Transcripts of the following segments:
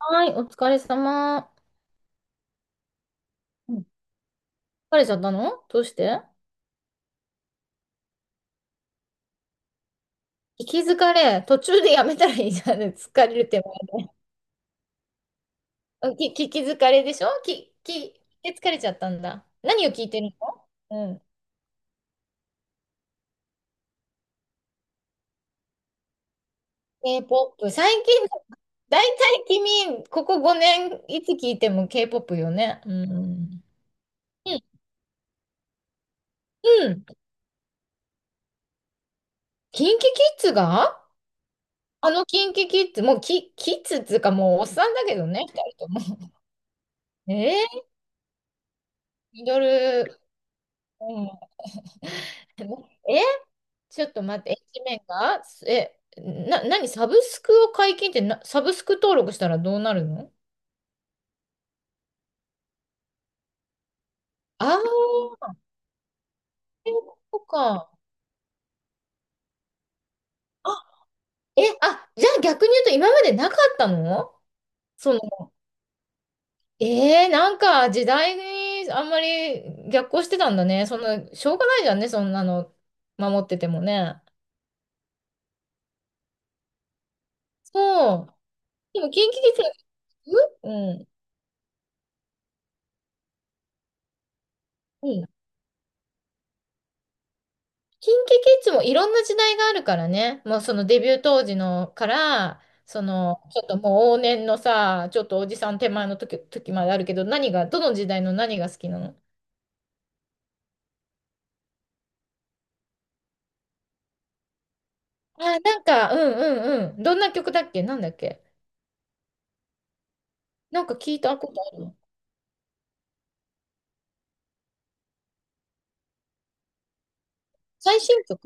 はい、お疲れ様。うん、疲れちゃったの？どうして？聞き疲れ。途中でやめたらいいじゃん。疲れる手前で。あ、き、聞き疲れでしょ。聞き疲れちゃったんだ。何を聞いてるの？うん。K-POP。最近、だいたい君、ここ5年、いつ聞いても K-POP よね。うん。うん。うん。キンキキッズが、あのキンキキッズ、もうキ、キッズっていうかもうおっさんだけどね、二人とも。えー、ミドル、うん。え、ちょっと待って、一面が、え、な、何、サブスクを解禁って？な、サブスク登録したらどうなるの？ああー、そういうことか。あ、え、あ、じゃあ逆に言うと今までなかったの？その、えー、なんか時代にあんまり逆行してたんだね。その、しょうがないじゃんね、そんなの守っててもね。そう。でも、近畿 k i、 うん。うん。キンキキッズもいろんな時代があるからね。もうそのデビュー当時のから、その、ちょっともう往年のさ、ちょっとおじさん手前の時、時まであるけど、何が、どの時代の何が好きなの？あ、なんか、うんうんうん。どんな曲だっけ？なんだっけ？なんか聞いたことある。最新曲？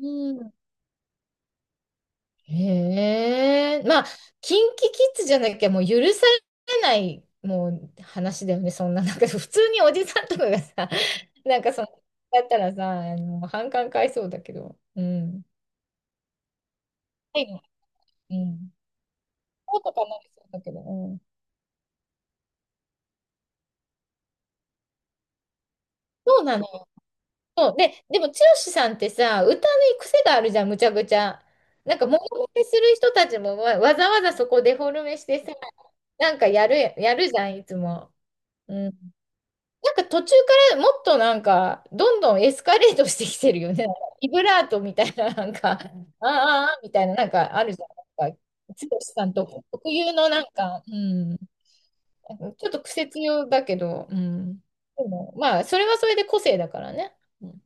うん。へえ、まあ、キンキキッズじゃなきゃもう許されない、もう話だよね、そんな、なんか普通におじさんとかがさ、なんかその、だったらさ、あの、反感買いそうだけど、うん。はい、うん。そうとかなりそうだけど、うん。そうなのよ。そうで、でも、剛さんってさ、歌に癖があるじゃん、むちゃくちゃ。なんか、モノマネする人たちもわ、わざわざそこデフォルメしてさ、なんかやる、やるじゃん、いつも。うん、なんか途中からもっとなんか、どんどんエスカレートしてきてるよね。ビブラートみたいな、なんか、あーあーあーみたいな、なんかあるじゃん。なんか、剛さんと特有のなんか、うん、ちょっと癖強だけど、うん。でも、まあ、それはそれで個性だからね。うん、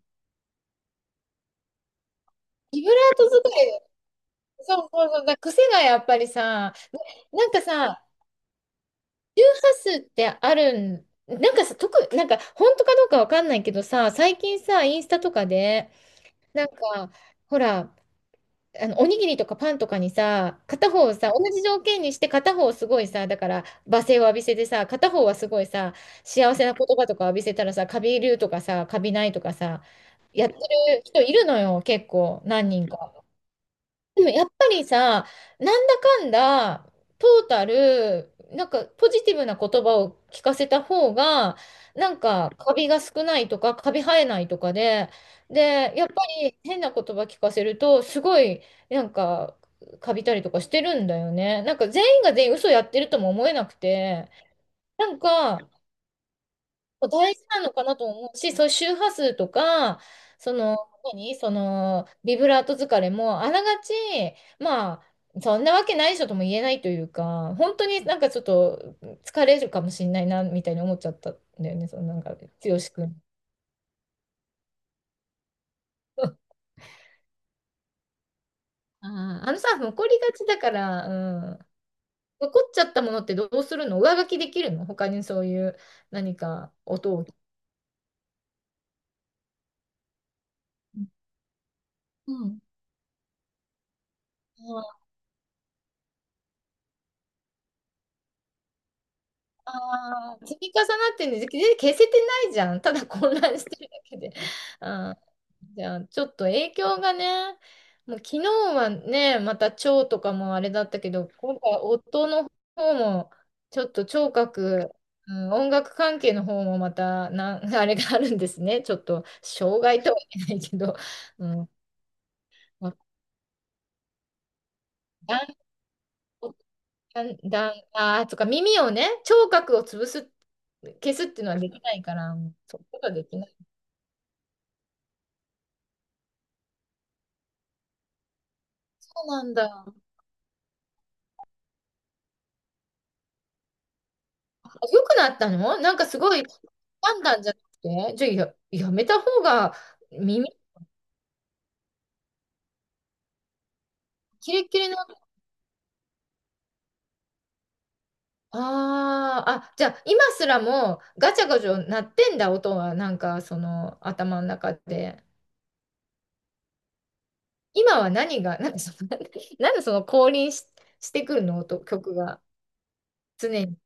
ビブラート使い、そうそうそう、だから癖がやっぱりさ、な、なんかさ、周波数ってあるん、なんかさ、特、なんか本当かどうかわかんないけどさ、最近さ、インスタとかで、なんか、ほら、あの、おにぎりとかパンとかにさ、片方をさ、同じ条件にして片方をすごいさ、だから、罵声を浴びせてさ、片方はすごいさ、幸せな言葉とか浴びせたらさ、カビるとかさ、カビないとかさ、やってる人いるのよ、結構、何人か。でもやっぱりさ、なんだかんだ、トータル、なんかポジティブな言葉を聞かせた方が、なんかカビが少ないとか、カビ生えないとかで、で、やっぱり変な言葉聞かせると、すごい、なんか、カビたりとかしてるんだよね。なんか全員が全員嘘やってるとも思えなくて、なんか、大事なのかなと思うし、そういう周波数とか、その、何その、ビブラート疲れも、あながち、まあ、そんなわけないでしょとも言えないというか、本当になんかちょっと疲れるかもしれないな、みたいに思っちゃったんだよね、そのなんか、剛くん。あー、あのさ、残りがちだから、うん。残っちゃったものってどうするの？上書きできるの？他にそういう何か音を。うん。あー、積み重なってるんで、で消せてないじゃん。ただ混乱してるだけで。あー、じゃあ、ちょっと影響がね、もう昨日はね、また腸とかもあれだったけど、今回夫の方も、ちょっと聴覚、うん、音楽関係の方もまたなん、あれがあるんですね。ちょっと、障害とは言えないけど、うん、だん、だん、だんあーとか耳をね、聴覚を潰す、消すっていうのはできないから、そういうことはできない。そうなんだ。あ、良くなったの？なんかすごい、判断じゃなくて、じゃあや、やめた方が耳、キレッキレの、あーあ、じゃあ今すらもガチャガチャ鳴ってんだ、音は、なんかその頭の中で。今は何が、なんかその、なんでその降臨し、してくるの、音、曲が、常に。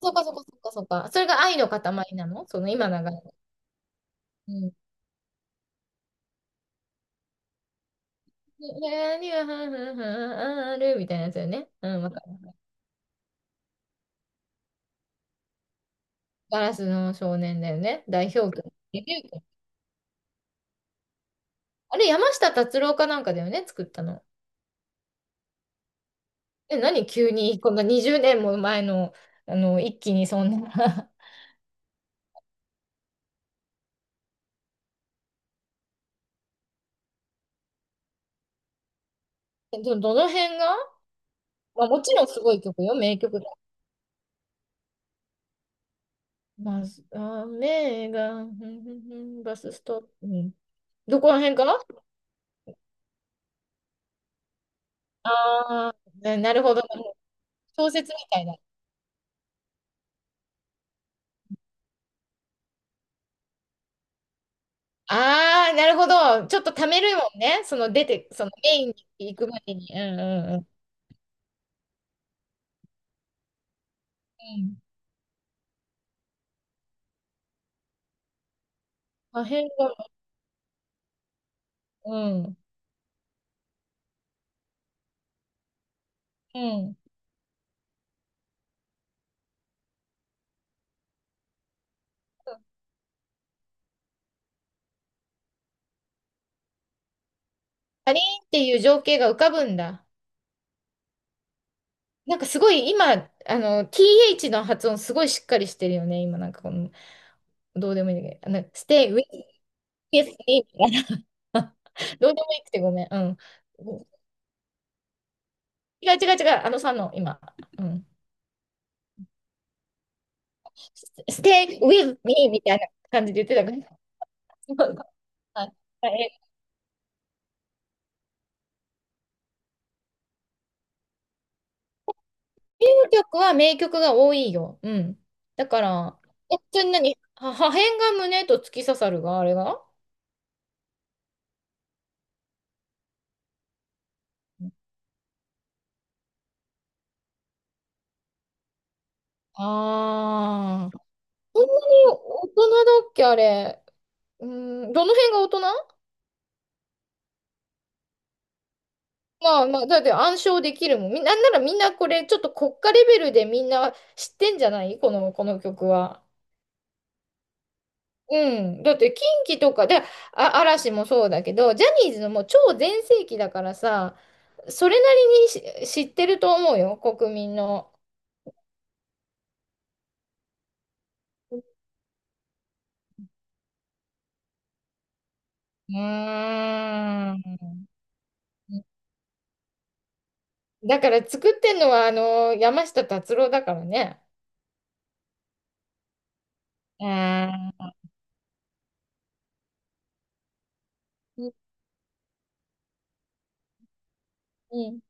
そうかそうかそうかそうか。それが愛の塊なの？その今流れる。うん。何が、はははあるみたいなやつだよね。うん、わ、ガラスの少年だよね。代表曲。デビュー曲。あれ、山下達郎かなんかだよね、作ったの。え、何急に、こんな20年も前の、あの、一気にそんな え、ど、どの辺が、まあ、もちろんすごい曲よ、名曲だ。まず、雨が、ふんふんふんバスストップ。うん、どこら辺かな？あー、な、なるほど。小説みたいな。ああ、なるほど。ちょっとためるもんね。その出て、そのメインに行くまでに。うんうんうん。うん。破片が、うん。うん。かりんっていう情景が浮かぶんだ。なんかすごい今、あの、TH の発音すごいしっかりしてるよね。今なんかこの、どうでもいいんだけど、あの、stay with m e s みたいな。どうでもいいくてごめん。うん。違う違う違う。あのさんの今、うん。stay with me みたいな感じで言ってたから。そう、はい、え、英語曲は名曲が多いよ。うん。だから、え、それ何は破片が胸と突き刺さるが、あれがああー。そんなに大人だっけ、あれ。うーん、どの辺が大人？まあまあ、だって暗唱できるもん。み、なんならみんなこれ、ちょっと国家レベルでみんな知ってんじゃない？この、この曲は。うん。だって、近畿とかで、あ、嵐もそうだけど、ジャニーズのもう超全盛期だからさ、それなりにし知ってると思うよ、国民の。うーん。だから作ってんのは、あの、山下達郎だからね。うん。うん、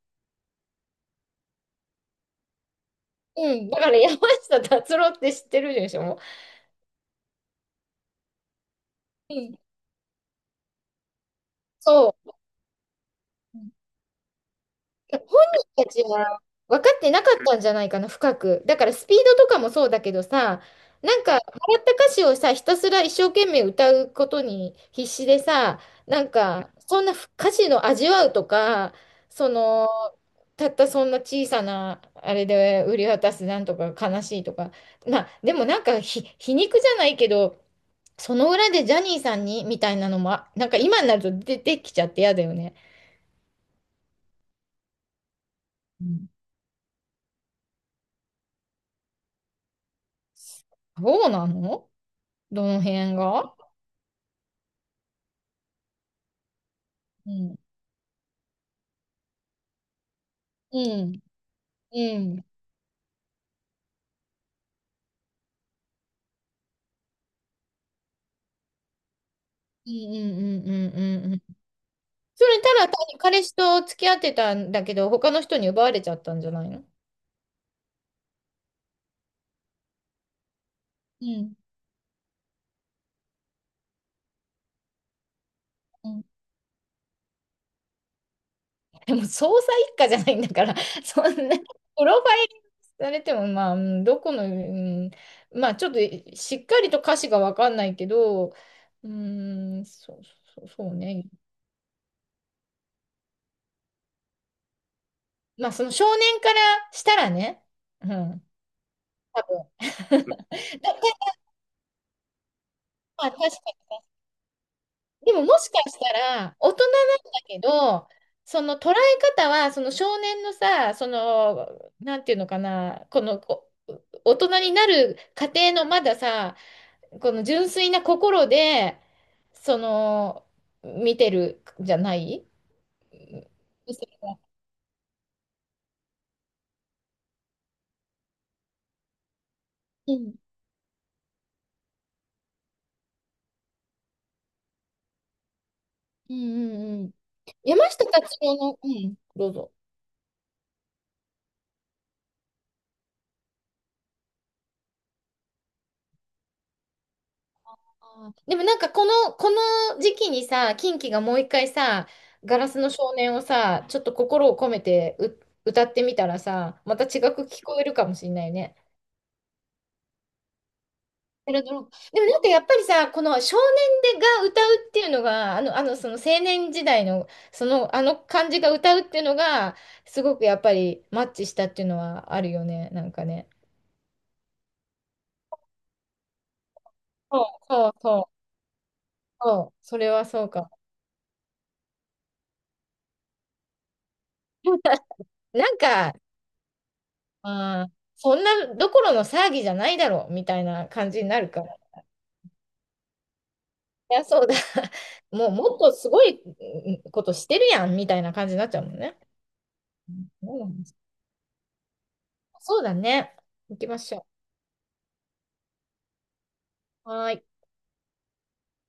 うん、だから山下達郎って知ってるでしょ？もう、うん。そう。うん、本人たちは分かってなかったんじゃないかな、深く。だからスピードとかもそうだけどさ、なんか、もらった歌詞をさ、ひたすら一生懸命歌うことに必死でさ、なんか、そんな歌詞の味わうとか、その、たったそんな小さな、あれで売り渡すなんとか悲しいとか、まあ、でもなんかひ、皮肉じゃないけど、その裏でジャニーさんにみたいなのも、あ、なんか今になると出てきちゃって嫌だよね。うん、そうなの？どの辺が？うん。うん。うん。うんうんうんうんうんうん。それただ単に彼氏と付き合ってたんだけど、他の人に奪われちゃったんじゃないの？うん。うん。でも、捜査一課じゃないんだから、そんな、プロファイルされても、まあ、うん、どこの、うん、まあ、ちょっとしっかりと歌詞がわかんないけど、うん、そう、そう、そうね。まあ、その少年からしたらね、うん、多分。だ、だ、まあ、確かに。でも、もしかしたら、大人なんだけど、その捉え方は、その少年のさ、その、なんていうのかな、この、こ、大人になる過程のまださ、この純粋な心で、その、見てるじゃない？うん、うん、うん、うん。山下達郎の、うん、どうぞ。あー、でもなんかこの、この時期にさ、キンキがもう一回さ、ガラスの少年をさ、ちょっと心を込めて、う、歌ってみたらさ、また違く聞こえるかもしれないね。ペラドロでもなんかやっぱりさ、この少年でが歌うっていうのが、あの、あのその青年時代の、その、あの感じが歌うっていうのが、すごくやっぱりマッチしたっていうのはあるよね、なんかね。そうそうそう、そう、それはそうかも。なんか、ああ、そんなどころの騒ぎじゃないだろうみたいな感じになるから、いや、そうだ、もうもっとすごい、うん、ことしてるやんみたいな感じになっちゃうもんね。うん、そうだね。行きましょう。はーい。